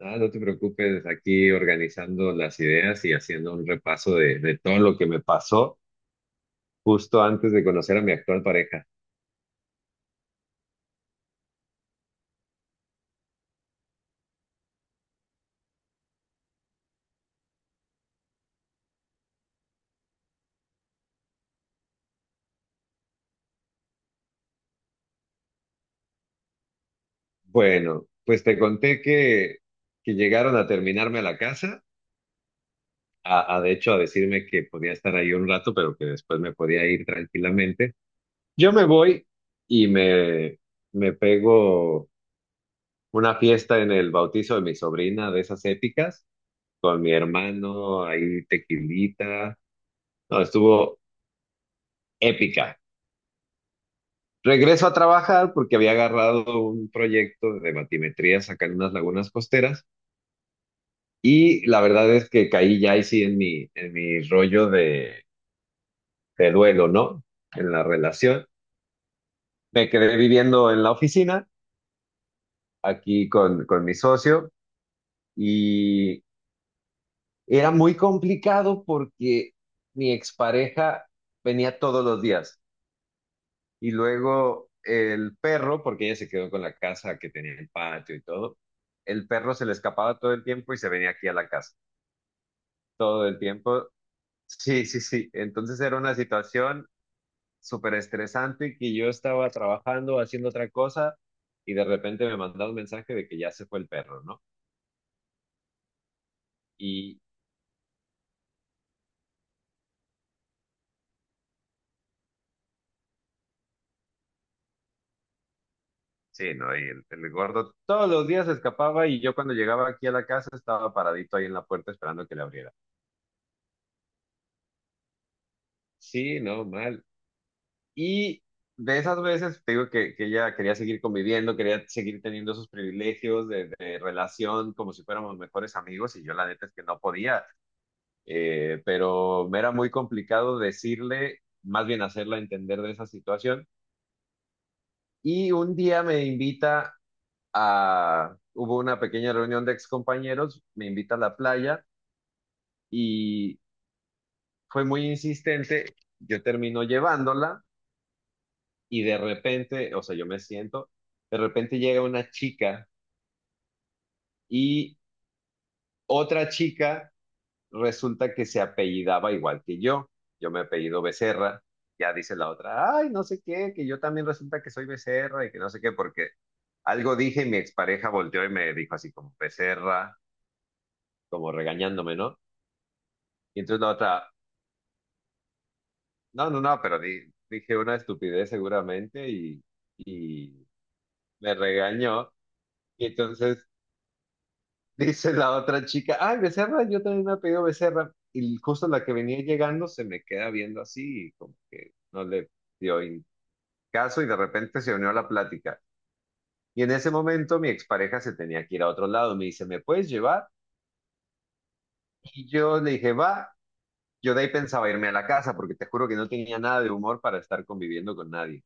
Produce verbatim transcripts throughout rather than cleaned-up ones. Ah, no te preocupes, aquí organizando las ideas y haciendo un repaso de, de todo lo que me pasó justo antes de conocer a mi actual pareja. Bueno, pues te conté que, que llegaron a terminarme a la casa, a, a de hecho a decirme que podía estar ahí un rato, pero que después me podía ir tranquilamente. Yo me voy y me, me pego una fiesta en el bautizo de mi sobrina, de esas épicas, con mi hermano, ahí tequilita. No, estuvo épica. Regreso a trabajar porque había agarrado un proyecto de matimetrías acá en unas lagunas costeras y la verdad es que caí ya ahí sí en mi, en mi rollo de, de duelo, ¿no? En la relación. Me quedé viviendo en la oficina aquí con, con mi socio y era muy complicado porque mi expareja venía todos los días. Y luego el perro, porque ella se quedó con la casa que tenía el patio y todo, el perro se le escapaba todo el tiempo y se venía aquí a la casa, todo el tiempo. Sí, sí, sí. Entonces era una situación súper estresante y que yo estaba trabajando, haciendo otra cosa y de repente me mandaba un mensaje de que ya se fue el perro, ¿no? Y sí, no, y el, el gordo todos los días se escapaba y yo cuando llegaba aquí a la casa estaba paradito ahí en la puerta esperando que le abriera. Sí, no, mal. Y de esas veces, te digo que, que ella quería seguir conviviendo, quería seguir teniendo esos privilegios de, de relación como si fuéramos mejores amigos y yo la neta es que no podía, eh, pero me era muy complicado decirle, más bien hacerla entender de esa situación. Y un día me invita a, hubo una pequeña reunión de excompañeros, me invita a la playa y fue muy insistente, yo termino llevándola. Y de repente, o sea, yo me siento, de repente llega una chica y otra chica resulta que se apellidaba igual que yo. Yo me apellido Becerra, ya dice la otra, ay, no sé qué, que yo también resulta que soy Becerra y que no sé qué, porque algo dije y mi expareja volteó y me dijo así como Becerra, como regañándome, ¿no? Y entonces la otra, no, no, no, pero di- dije una estupidez seguramente y, y me regañó. Y entonces dice la otra chica, ay, Becerra, yo también me he pedido Becerra. Y justo la que venía llegando se me queda viendo así, y como que no le dio in- caso y de repente se unió a la plática. Y en ese momento mi expareja se tenía que ir a otro lado. Me dice, ¿me puedes llevar? Y yo le dije, va. Yo de ahí pensaba irme a la casa porque te juro que no tenía nada de humor para estar conviviendo con nadie.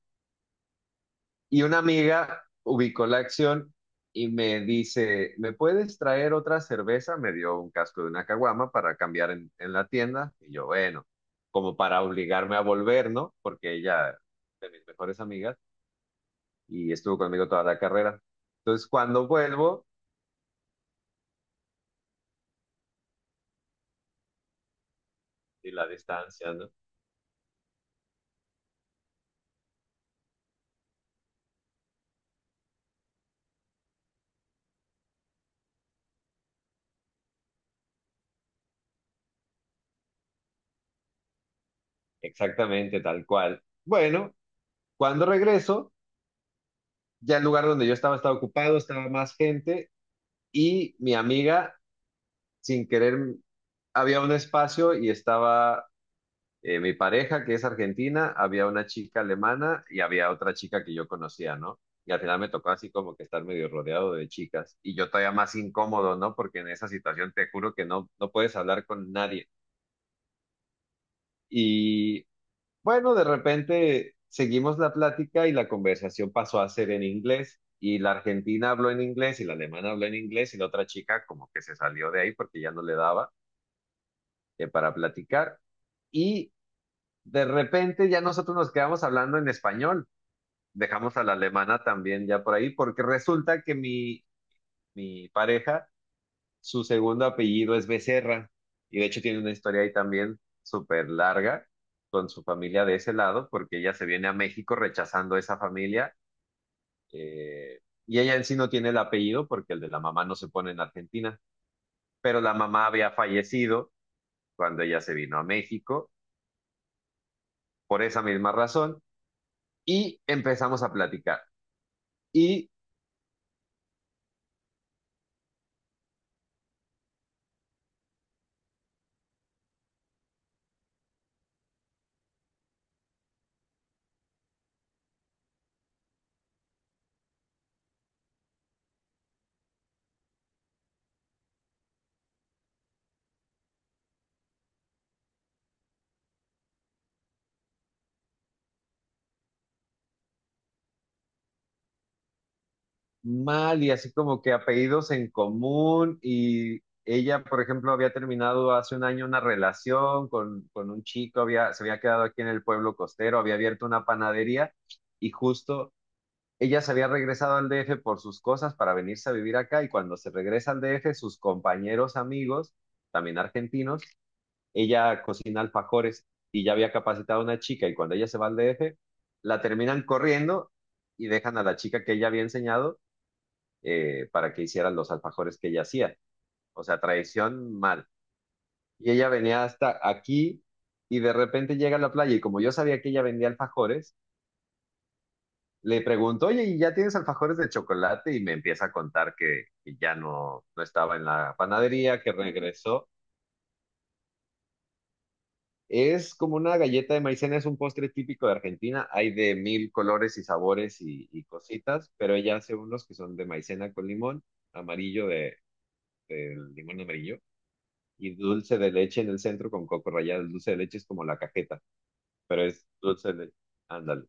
Y una amiga ubicó la acción y me dice, ¿me puedes traer otra cerveza? Me dio un casco de una caguama para cambiar en, en la tienda. Y yo, bueno, como para obligarme a volver, ¿no? Porque ella, de mis mejores amigas, y estuvo conmigo toda la carrera. Entonces, cuando vuelvo, y la distancia, ¿no? Exactamente, tal cual. Bueno, cuando regreso, ya el lugar donde yo estaba estaba ocupado, estaba más gente, y mi amiga, sin querer, había un espacio y estaba eh, mi pareja, que es argentina, había una chica alemana y había otra chica que yo conocía, ¿no? Y al final me tocó así como que estar medio rodeado de chicas. Y yo todavía más incómodo, ¿no? Porque en esa situación te juro que no, no puedes hablar con nadie. Y bueno, de repente seguimos la plática y la conversación pasó a ser en inglés. Y la argentina habló en inglés y la alemana habló en inglés y la otra chica como que se salió de ahí porque ya no le daba eh, para platicar. Y de repente ya nosotros nos quedamos hablando en español, dejamos a la alemana también ya por ahí, porque resulta que mi, mi pareja, su segundo apellido es Becerra, y de hecho tiene una historia ahí también súper larga con su familia de ese lado, porque ella se viene a México rechazando esa familia, eh, y ella en sí no tiene el apellido porque el de la mamá no se pone en Argentina, pero la mamá había fallecido cuando ella se vino a México por esa misma razón, y empezamos a platicar. Y mal y así como que apellidos en común y ella, por ejemplo, había terminado hace un año una relación con, con un chico, había, se había quedado aquí en el pueblo costero, había abierto una panadería y justo ella se había regresado al D F por sus cosas para venirse a vivir acá y cuando se regresa al D F, sus compañeros amigos, también argentinos, ella cocina alfajores y ya había capacitado a una chica y cuando ella se va al D F, la terminan corriendo. Y dejan a la chica que ella había enseñado eh, para que hicieran los alfajores que ella hacía. O sea, traición mal. Y ella venía hasta aquí y de repente llega a la playa y como yo sabía que ella vendía alfajores, le pregunto, oye, ¿y ya tienes alfajores de chocolate? Y me empieza a contar que, que ya no, no estaba en la panadería, que regresó. Es como una galleta de maicena, es un postre típico de Argentina. Hay de mil colores y sabores y, y cositas, pero ella hace unos que son de maicena con limón, amarillo de, del limón amarillo y dulce de leche en el centro con coco rallado. El dulce de leche es como la cajeta, pero es dulce de leche. Ándale.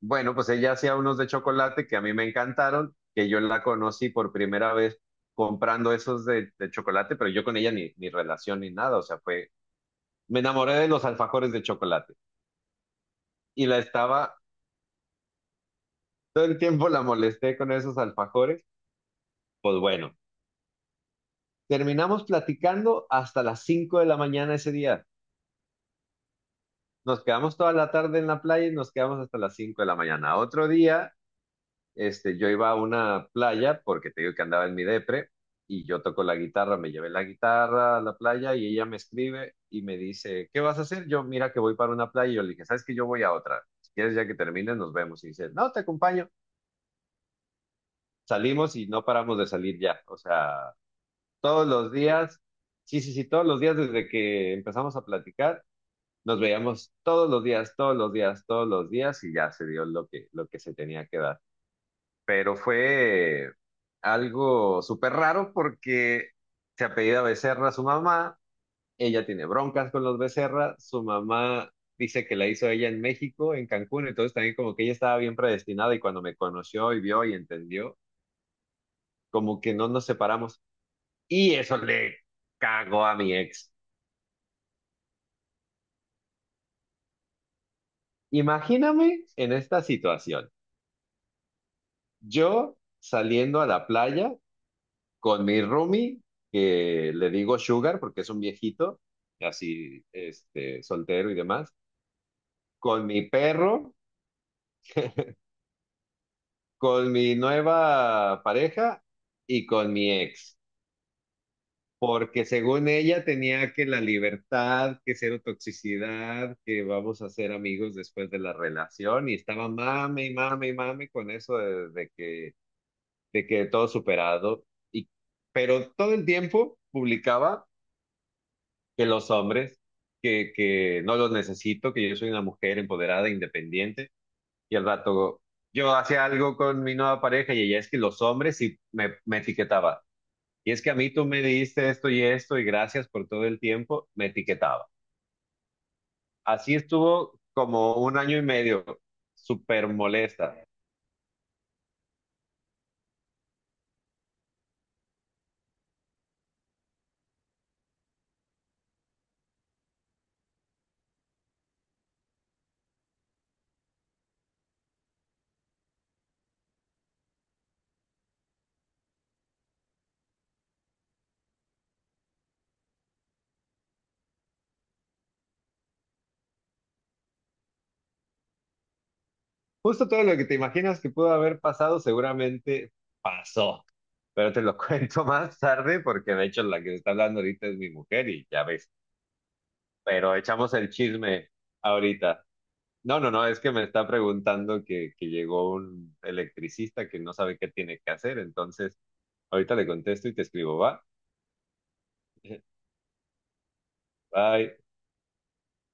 Bueno, pues ella hacía unos de chocolate que a mí me encantaron, que yo la conocí por primera vez comprando esos de, de chocolate, pero yo con ella ni, ni relación ni nada, o sea, fue, me enamoré de los alfajores de chocolate y la estaba, todo el tiempo la molesté con esos alfajores, pues bueno, terminamos platicando hasta las cinco de la mañana ese día. Nos quedamos toda la tarde en la playa y nos quedamos hasta las cinco de la mañana. Otro día este, yo iba a una playa porque te digo que andaba en mi depre y yo toco la guitarra, me llevé la guitarra a la playa y ella me escribe y me dice, ¿qué vas a hacer? Yo, mira que voy para una playa y yo le dije, ¿sabes que yo voy a otra. Si quieres ya que termine, nos vemos. Y dice, no, te acompaño. Salimos y no paramos de salir ya. O sea, todos los días, sí, sí, sí, todos los días desde que empezamos a platicar. Nos veíamos todos los días, todos los días, todos los días y ya se dio lo que, lo que se tenía que dar. Pero fue algo súper raro porque se apellida Becerra su mamá, ella tiene broncas con los Becerra, su mamá dice que la hizo ella en México, en Cancún, entonces también como que ella estaba bien predestinada y cuando me conoció y vio y entendió, como que no nos separamos y eso le cagó a mi ex. Imagíname en esta situación, yo saliendo a la playa con mi roomie, que le digo Sugar porque es un viejito, así, este, soltero y demás, con mi perro, con mi nueva pareja y con mi ex, porque según ella tenía que la libertad, que cero toxicidad, que vamos a ser amigos después de la relación y estaba mame y mame y mame con eso de, de que, de que todo superado. y Pero todo el tiempo publicaba que los hombres, que, que no los necesito, que yo soy una mujer empoderada, independiente, y al rato yo hacía algo con mi nueva pareja y ella es que los hombres sí me, me etiquetaba. Y es que a mí tú me diste esto y esto y gracias por todo el tiempo, me etiquetaba. Así estuvo como un año y medio, súper molesta. Justo todo lo que te imaginas que pudo haber pasado seguramente pasó. Pero te lo cuento más tarde porque de hecho la que está hablando ahorita es mi mujer y ya ves, pero echamos el chisme ahorita. No, no, no, es que me está preguntando que, que llegó un electricista que no sabe qué tiene que hacer, entonces ahorita le contesto y te escribo, ¿va? Bye.